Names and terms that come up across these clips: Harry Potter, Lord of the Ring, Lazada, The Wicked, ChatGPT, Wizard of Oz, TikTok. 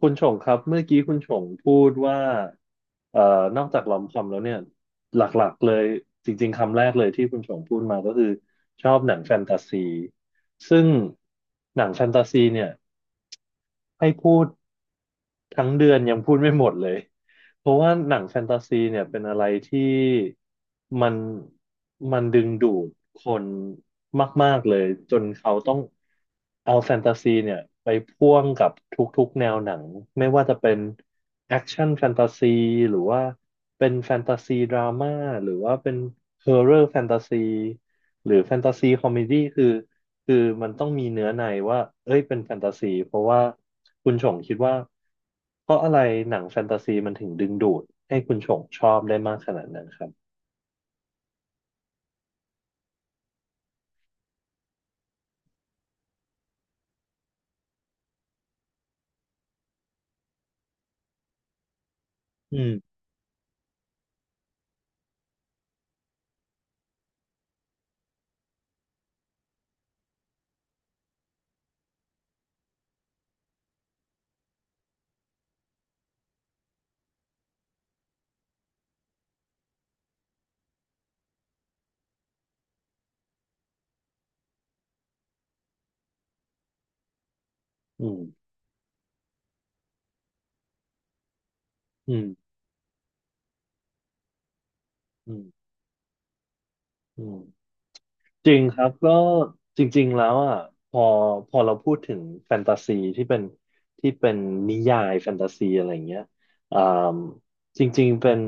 คุณชงครับเมื่อกี้คุณชงพูดว่าเอ่อนอกจากลอมคอมแล้วเนี่ยหลักๆเลยจริงๆคำแรกเลยที่คุณชงพูดมาก็คือชอบหนังแฟนตาซีซึ่งหนังแฟนตาซีเนี่ยให้พูด ทั้งเดือนยังพูดไม่หมดเลย เพราะว่าหนังแฟนตาซีเนี่ยเป็นอะไรที่มันมันดึงดูดคนมากๆเลยจนเขาต้องเอาแฟนตาซีเนี่ยไปพ่วงกับทุกๆแนวหนังไม่ว่าจะเป็นแอคชั่นแฟนตาซีหรือว่าเป็นแฟนตาซีดราม่าหรือว่าเป็นฮอ r ์เรอร์แฟนตาซีหรือแฟนตาซีคอมเมดี้คือมันต้องมีเนื้อในว่าเอ้ยเป็นแฟนตาซี เพราะว่าคุณชงคิดว่าเพราะอะไรหนังแฟนตาซีมันถึงดึงดูดให้คุณชงชอบได้มากขนาดนั้นครับอืมอืมอืมอืมอืม จริงครับก็จริงๆแล้วอ่ะพอพอเราพูดถึงแฟนตาซีที่เป็นนิยายแฟนตาซีอะไรเงี้ยอ่ามจริงๆเป็น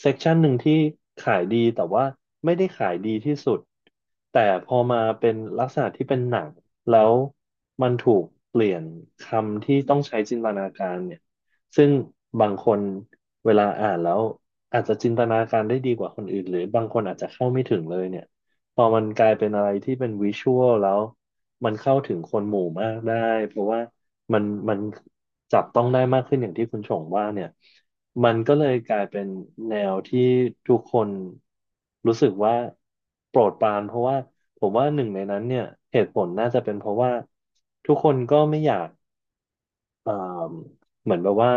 เซกชันหนึ่งที่ขายดีแต่ว่าไม่ได้ขายดีที่สุดแต่พอมาเป็นลักษณะที่เป็นหนังแล้วมันถูกเปลี่ยนคำที่ต้องใช้จินตนาการเนี่ยซึ่งบางคนเวลาอ่านแล้วอาจจะจินตนาการได้ดีกว่าคนอื่นหรือบางคนอาจจะเข้าไม่ถึงเลยเนี่ย พอมันกลายเป็นอะไรที่เป็นวิชวลแล้วมันเข้าถึงคนหมู่มากได้เพราะว่ามันจับต้องได้มากขึ้นอย่างที่คุณชงว่าเนี่ยมันก็เลยกลายเป็นแนวที่ทุกคนรู้สึกว่าโปรดปรานเพราะว่าผมว่าหนึ่งในนั้นเนี่ยเหตุผลน่าจะเป็นเพราะว่าทุกคนก็ไม่อยากเอ่อเหมือนแบบว่า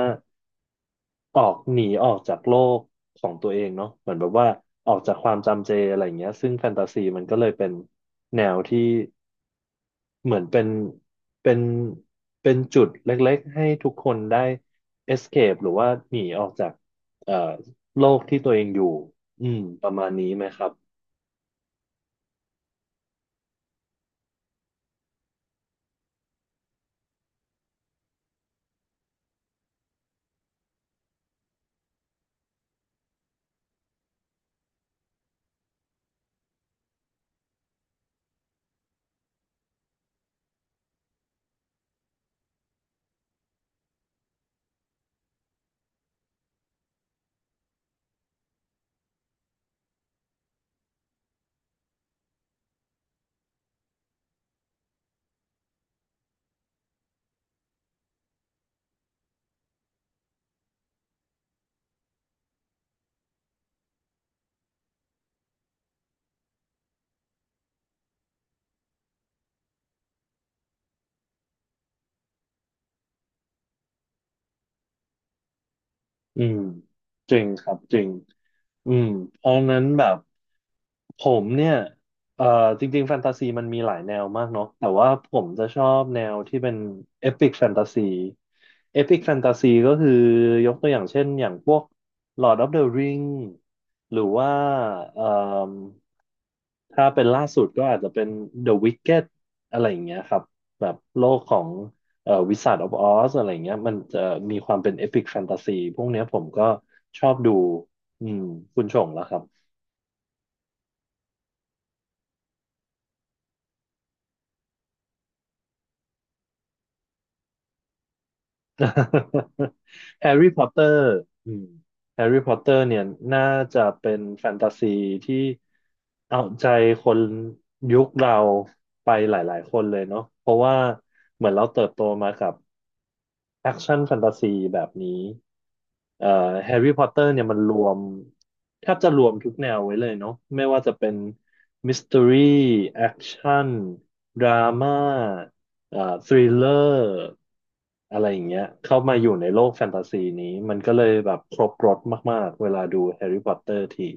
ออกหนีออกจากโลกของตัวเองเนาะเหมือนแบบว่าออกจากความจำเจอะไรอย่างเงี้ยซึ่งแฟนตาซีมันก็เลยเป็นแนวที่เหมือนเป็นเป็นจุดเล็กๆให้ทุกคนได้ escape หรือว่าหนีออกจากเอ่อโลกที่ตัวเองอยู่ประมาณนี้ไหมครับอืมจริงครับจริงอืมเพราะงั้นแบบ ผมเนี่ยเอ่อจริงๆแฟนตาซีมันมีหลายแนวมากเนาะแต่ว่าผมจะชอบแนวที่เป็นเอพิกแฟนตาซีเอพิกแฟนตาซีก็คือยกตัวอย่างเช่นอย่างพวก Lord of the Ring หรือว่าเอ่มถ้าเป็นล่าสุดก็อาจจะเป็น The Wicked อะไรอย่างเงี้ยครับ แบบโลกของWizard of Oz อะไรอย่างเงี้ยมันจะมีความเป็นเอพิกแฟนตาซีพวกเนี้ยผมก็ชอบดูอืมคุณชงแล้วครับ แฮร์รี่พอตเตอร์อืมแฮร์รี่พอตเตอร์เนี่ยน่าจะเป็นแฟนตาซีที่เอาใจคนยุคเราไปหลายๆคนเลยเนาะเพราะว่าเหมือนเราเติบโตมากับแอคชั่นแฟนตาซีแบบนี้เอ่อแฮร์รี่พอตเตอร์เนี่ยมันรวมแทบจะรวมทุกแนวไว้เลยเนาะไม่ว่าจะเป็นมิส t ต r รีแอคชั่นดราม่าเอ่อทริลเลอร์ อะไรอย่างเงี้ยเข้ามาอยู่ในโลกแฟนตาซีนี้มันก็เลยแบบครบรสมากๆเวลาดูแฮร์รี่พอตเตอร์ที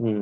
อืม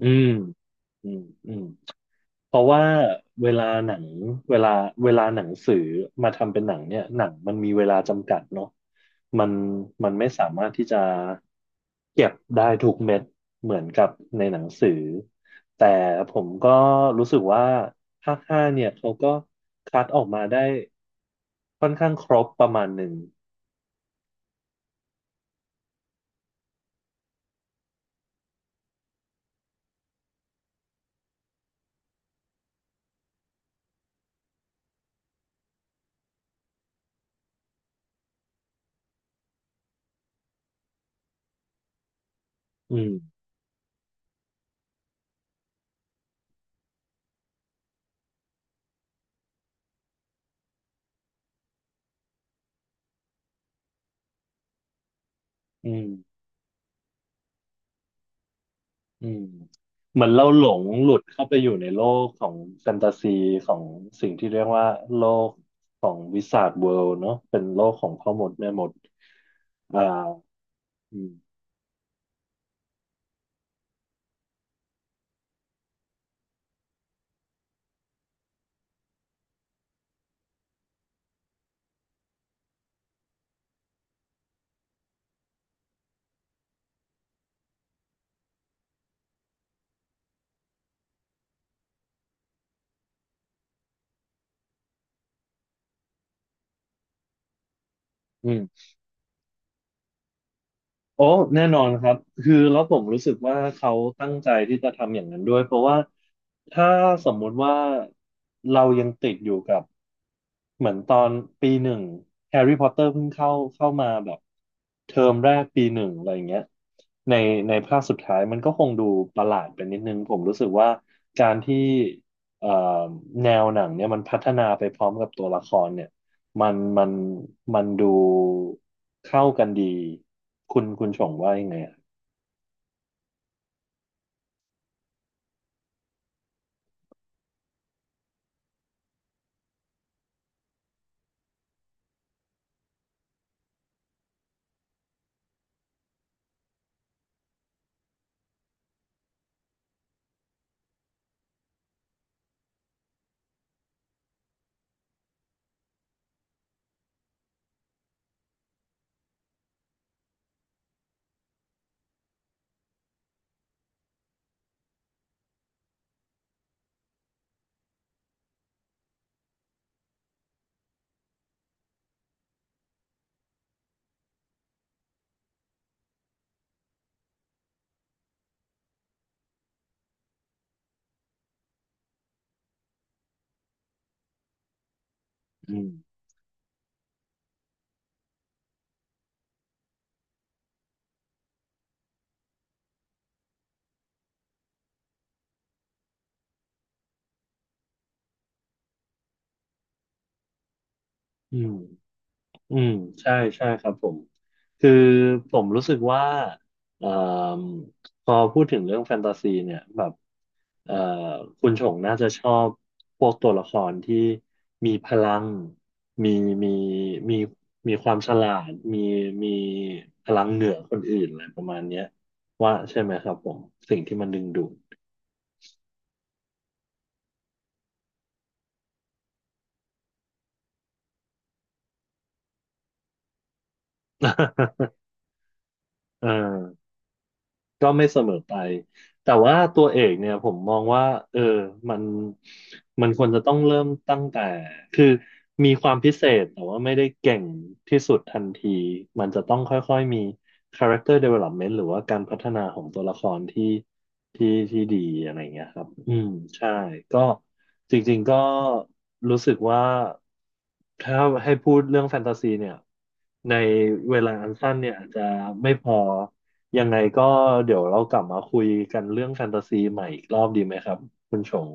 อืมอืมอืมเพราะว่าเวลาหนังเวลาเวลาหนังสือมาทำเป็นหนังเนี่ยหนังมันมีเวลาจำกัดเนาะมันมันไม่สามารถที่จะเก็บได้ทุกเม็ดเหมือนกับในหนังสือแต่ผมก็รู้สึกว่าภาคห้าเนี่ยเขาก็คัดออกมาได้ค่อนข้างครบประมาณหนึ่ง อืมอืมอืมเหมือนเราหลงหลุดเข้าไปอยู่ในโลกของแฟนตาซีของสิ่งที่เรียกว่าโลกของวิสาทเวิลด์เนาะเป็นโลกของพ่อมดแม่มดอ่าอืมอืม โอ้แน่นอนครับคือแล้วผมรู้สึกว่าเขาตั้งใจที่จะทำอย่างนั้นด้วยเพราะว่าถ้าสมมุติว่าเรายังติดอยู่กับเหมือนตอนปีหนึ่งแฮร์รี่พอตเตอร์เพิ่งเข้ามาแบบเทอมแรกปีหนึ่งอะไรอย่างเงี้ยในในภาคสุดท้ายมันก็คงดูประหลาดไปนิดนึงผมรู้สึกว่าการที่เอ่อแนวหนังเนี่ยมันพัฒนาไปพร้อมกับตัวละครเนี่ยมันมันมันดู เข้ากันดีคุณชงว่ายังไงอะอืมอืมอืมใช่ใช่ครับผมคือผมรู้สึกว่าเอ่มพอพูดถึงเรื่องแฟนตาซีเนี่ยแบบเอ่อคุณชงน่าจะชอบพวกตัวละครที่มีพลังมีมีมีมีความฉลาดมีพลังเหนือคนอื่นอะไรประมาณเนี้ยว่าใช่ไหมครับผมสิ่งที่มันดึงดูด เออ ก็ไม่เสมอไป แต่ว่าตัวเอกเนี่ยผมมองว่าเออมันมันควรจะต้องเริ่มตั้งแต่คือ มีความพิเศษแต่ว่าไม่ได้เก่งที่สุดทันทีมันจะต้องค่อยๆมี character development หรือว่าการพัฒนาของตัวละครที่ดีอะไรเงี้ยครับใช่ก็จริงๆก็รู้สึกว่าถ้าให้พูดเรื่องแฟนตาซีเนี่ยในเวลาอันสั้นเนี่ยอาจจะไม่พอ ยังไงก็เดี๋ยวเรากลับมาคุยกันเรื่องแฟนตาซีใหม่อีกรอบดีไหมครับคุณชง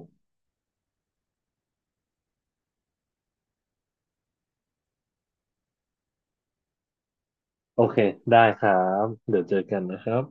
โอเค ได้ครับ เดี๋ยวเจอกันนะครับ